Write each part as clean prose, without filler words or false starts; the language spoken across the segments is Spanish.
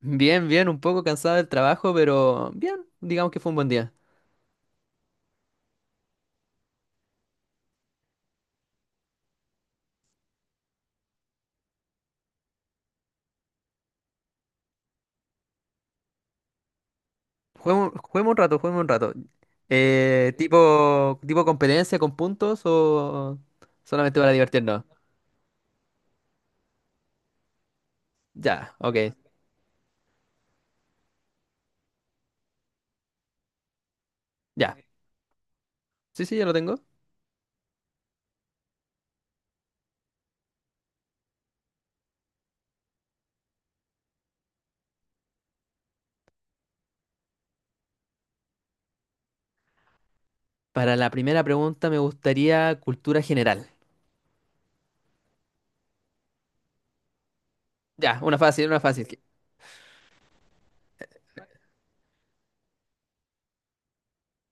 Bien, bien, un poco cansada del trabajo, pero bien, digamos que fue un buen día. Juguemos, juguemos un rato, juguemos un rato. Tipo competencia con puntos o solamente para divertirnos. Ya, ok, ya. Sí, sí, ya lo tengo. Para la primera pregunta me gustaría cultura general. Ya, una fácil, una fácil.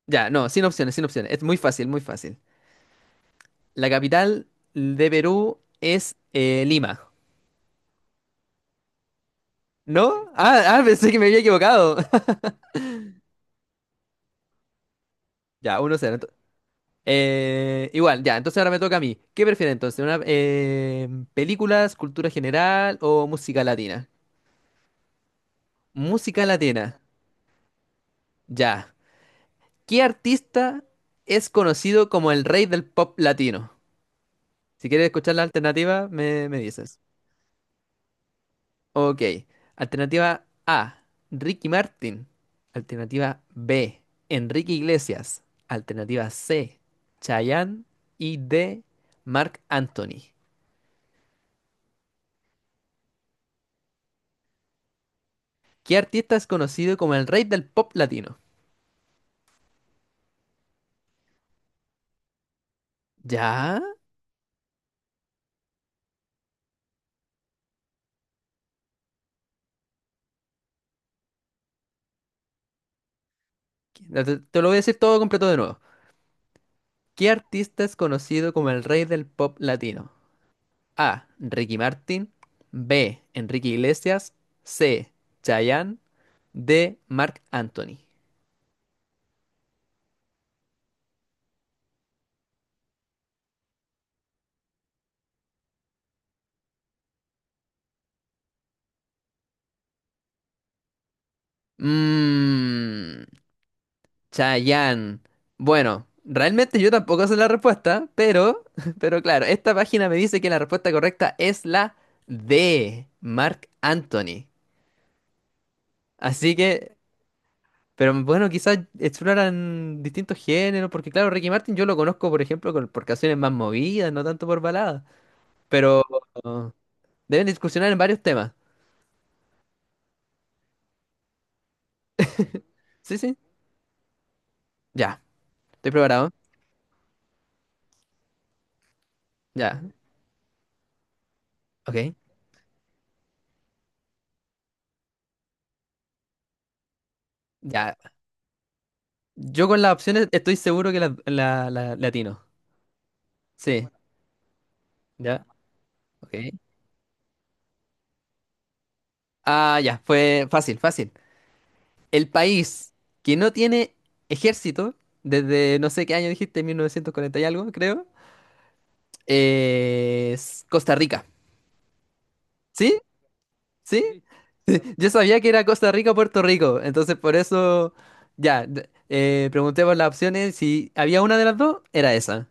Ya, no, sin opciones, sin opciones. Es muy fácil, muy fácil. La capital de Perú es Lima. ¿No? Ah, ah, pensé que me había equivocado. Ya, uno 0. Igual, ya, entonces ahora me toca a mí. ¿Qué prefieres entonces? ¿Películas, cultura general o música latina? Música latina, ya. ¿Qué artista es conocido como el rey del pop latino? Si quieres escuchar la alternativa, me dices. Ok, alternativa A, Ricky Martin. Alternativa B, Enrique Iglesias. Alternativa C, Chayanne. Y D, Marc Anthony. ¿Qué artista es conocido como el rey del pop latino? ¿Ya? Te lo voy a decir todo completo de nuevo. ¿Qué artista es conocido como el rey del pop latino? A. Ricky Martin. B. Enrique Iglesias. C. Chayanne. D. Marc Anthony. Mmm. Chayanne. Bueno, realmente yo tampoco sé la respuesta, pero, pero claro, esta página me dice que la respuesta correcta es la D. Marc Anthony. Así que, pero bueno, quizás exploran distintos géneros, porque claro, Ricky Martin yo lo conozco, por ejemplo, por canciones más movidas, no tanto por baladas. Pero uh, deben discusionar en varios temas. Sí, sí, ya. Estoy preparado. Ya, ok. Ya. Yo con las opciones estoy seguro que le atino. Sí, ya, ok. Ah, ya, fue fácil, fácil. El país que no tiene ejército, desde no sé qué año dijiste, 1940 y algo, creo, es Costa Rica. ¿Sí? ¿Sí? Yo sabía que era Costa Rica o Puerto Rico, entonces por eso ya pregunté por las opciones. Si había una de las dos, era esa.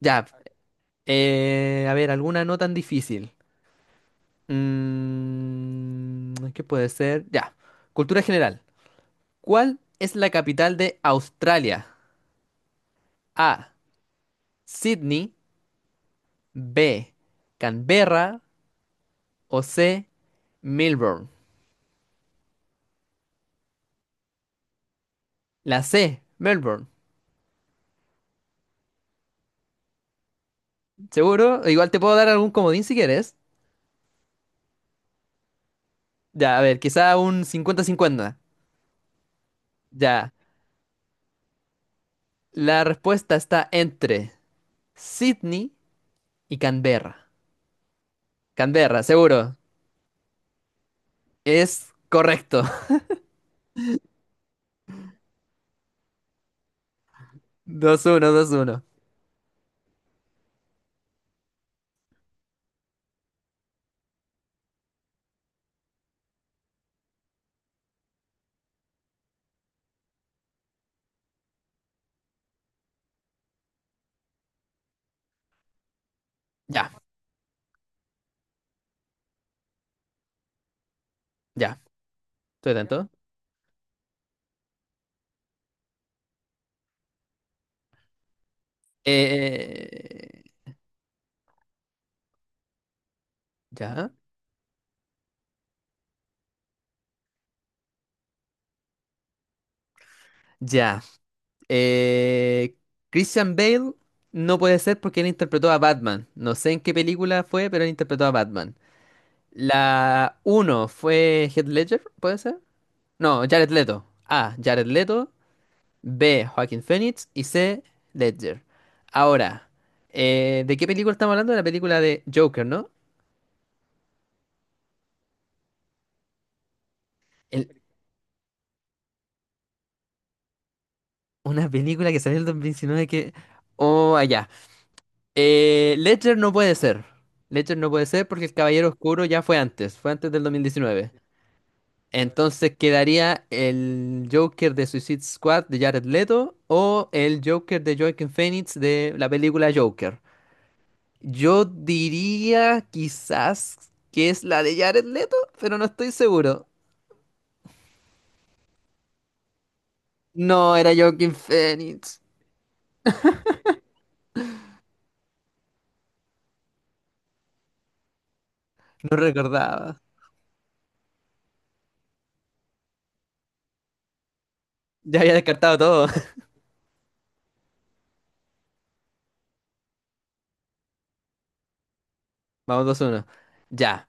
Ya, a ver, alguna no tan difícil. ¿Qué puede ser? Ya, cultura general. ¿Cuál es la capital de Australia? A. Sydney. B. Canberra. O C. Melbourne. La C. Melbourne. ¿Seguro? Igual te puedo dar algún comodín si quieres. Ya, a ver, quizá un cincuenta cincuenta. Ya. La respuesta está entre Sydney y Canberra. Canberra, seguro. Es correcto. 2-1, 2-1 Ya, ya. Estoy atento. Eh, ya. Ya. Eh, Christian Bale no puede ser porque él interpretó a Batman. No sé en qué película fue, pero él interpretó a Batman. La uno fue Heath Ledger, ¿puede ser? No, Jared Leto. Ah, Jared Leto. B, Joaquin Phoenix y C, Ledger. Ahora, ¿de qué película estamos hablando? De la película de Joker, ¿no? El- una película que salió en el 2019 que... Oh, allá. Ledger no puede ser. Ledger no puede ser porque el Caballero Oscuro ya fue antes del 2019. Entonces quedaría el Joker de Suicide Squad de Jared Leto o el Joker de Joaquin Phoenix de la película Joker. Yo diría quizás que es la de Jared Leto, pero no estoy seguro. No, era Joaquin Phoenix. No recordaba. Ya había descartado todo. Vamos 2-1. Ya.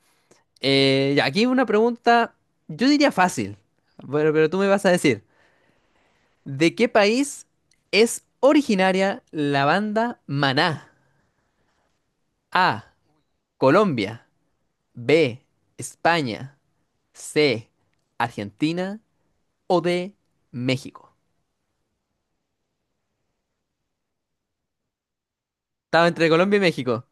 Ya, aquí una pregunta, yo diría fácil, bueno, pero tú me vas a decir, ¿de qué país es originaria la banda Maná? A, Colombia, B, España, C, Argentina o D, México. Estaba entre Colombia y México.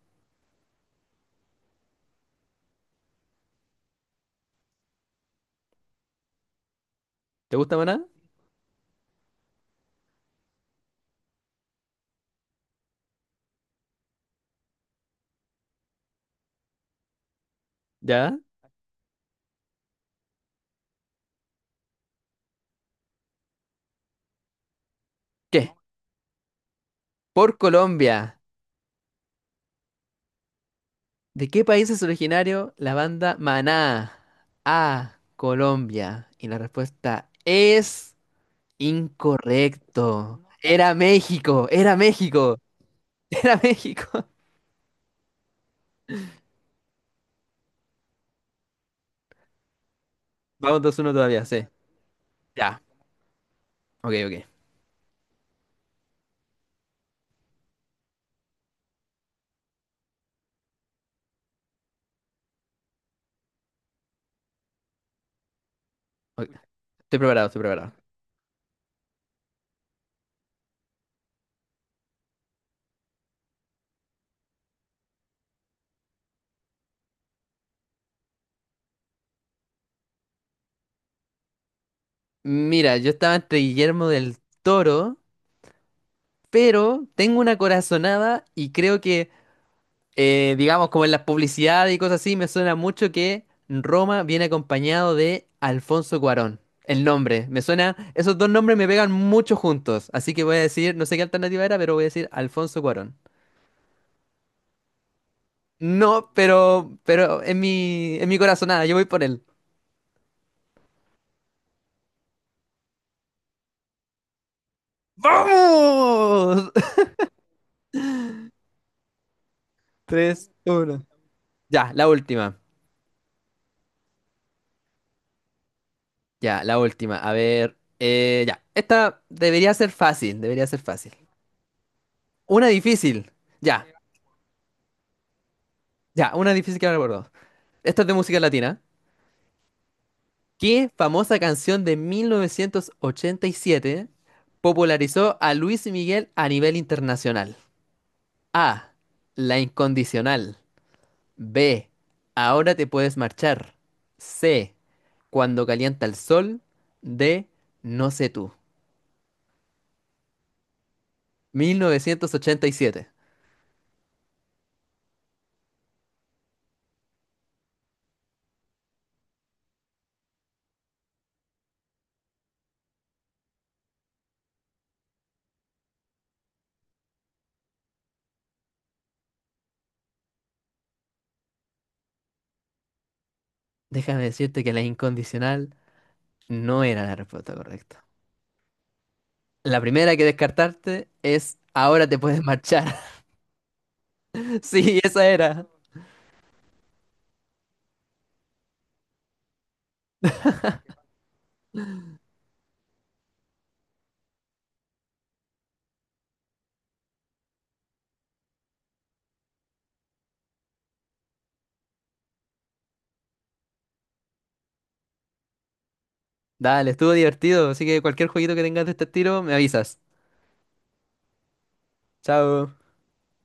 ¿Te gusta Maná? ¿Ya? ¿Qué? Por Colombia. ¿De qué país es originario la banda Maná? A. Colombia. Y la respuesta es incorrecto. Era México, era México. Vamos 2-1 todavía, sí. Ya. Ok, ok. Ok. Estoy preparado, estoy preparado. Mira, yo estaba entre Guillermo del Toro, pero tengo una corazonada y creo que digamos, como en las publicidades y cosas así, me suena mucho que Roma viene acompañado de Alfonso Cuarón. El nombre, me suena, esos dos nombres me pegan mucho juntos, así que voy a decir, no sé qué alternativa era, pero voy a decir Alfonso Cuarón. No, pero en mi corazonada, yo voy por él. ¡Vamos! 3-1. Ya, la última. Ya, la última. A ver, ya. Esta debería ser fácil, debería ser fácil. Una difícil. Ya, ya, una difícil que no recuerdo. Esta es de música latina. ¿Qué famosa canción de 1987 popularizó a Luis Miguel a nivel internacional? A. La incondicional. B. Ahora te puedes marchar. C. Cuando calienta el sol. D. No sé tú. 1987. Déjame decirte que la incondicional no era la respuesta correcta. La primera que descartarte es Ahora te puedes marchar. Sí, esa era. Dale, estuvo divertido, así que cualquier jueguito que tengas de este estilo, me avisas. Chao.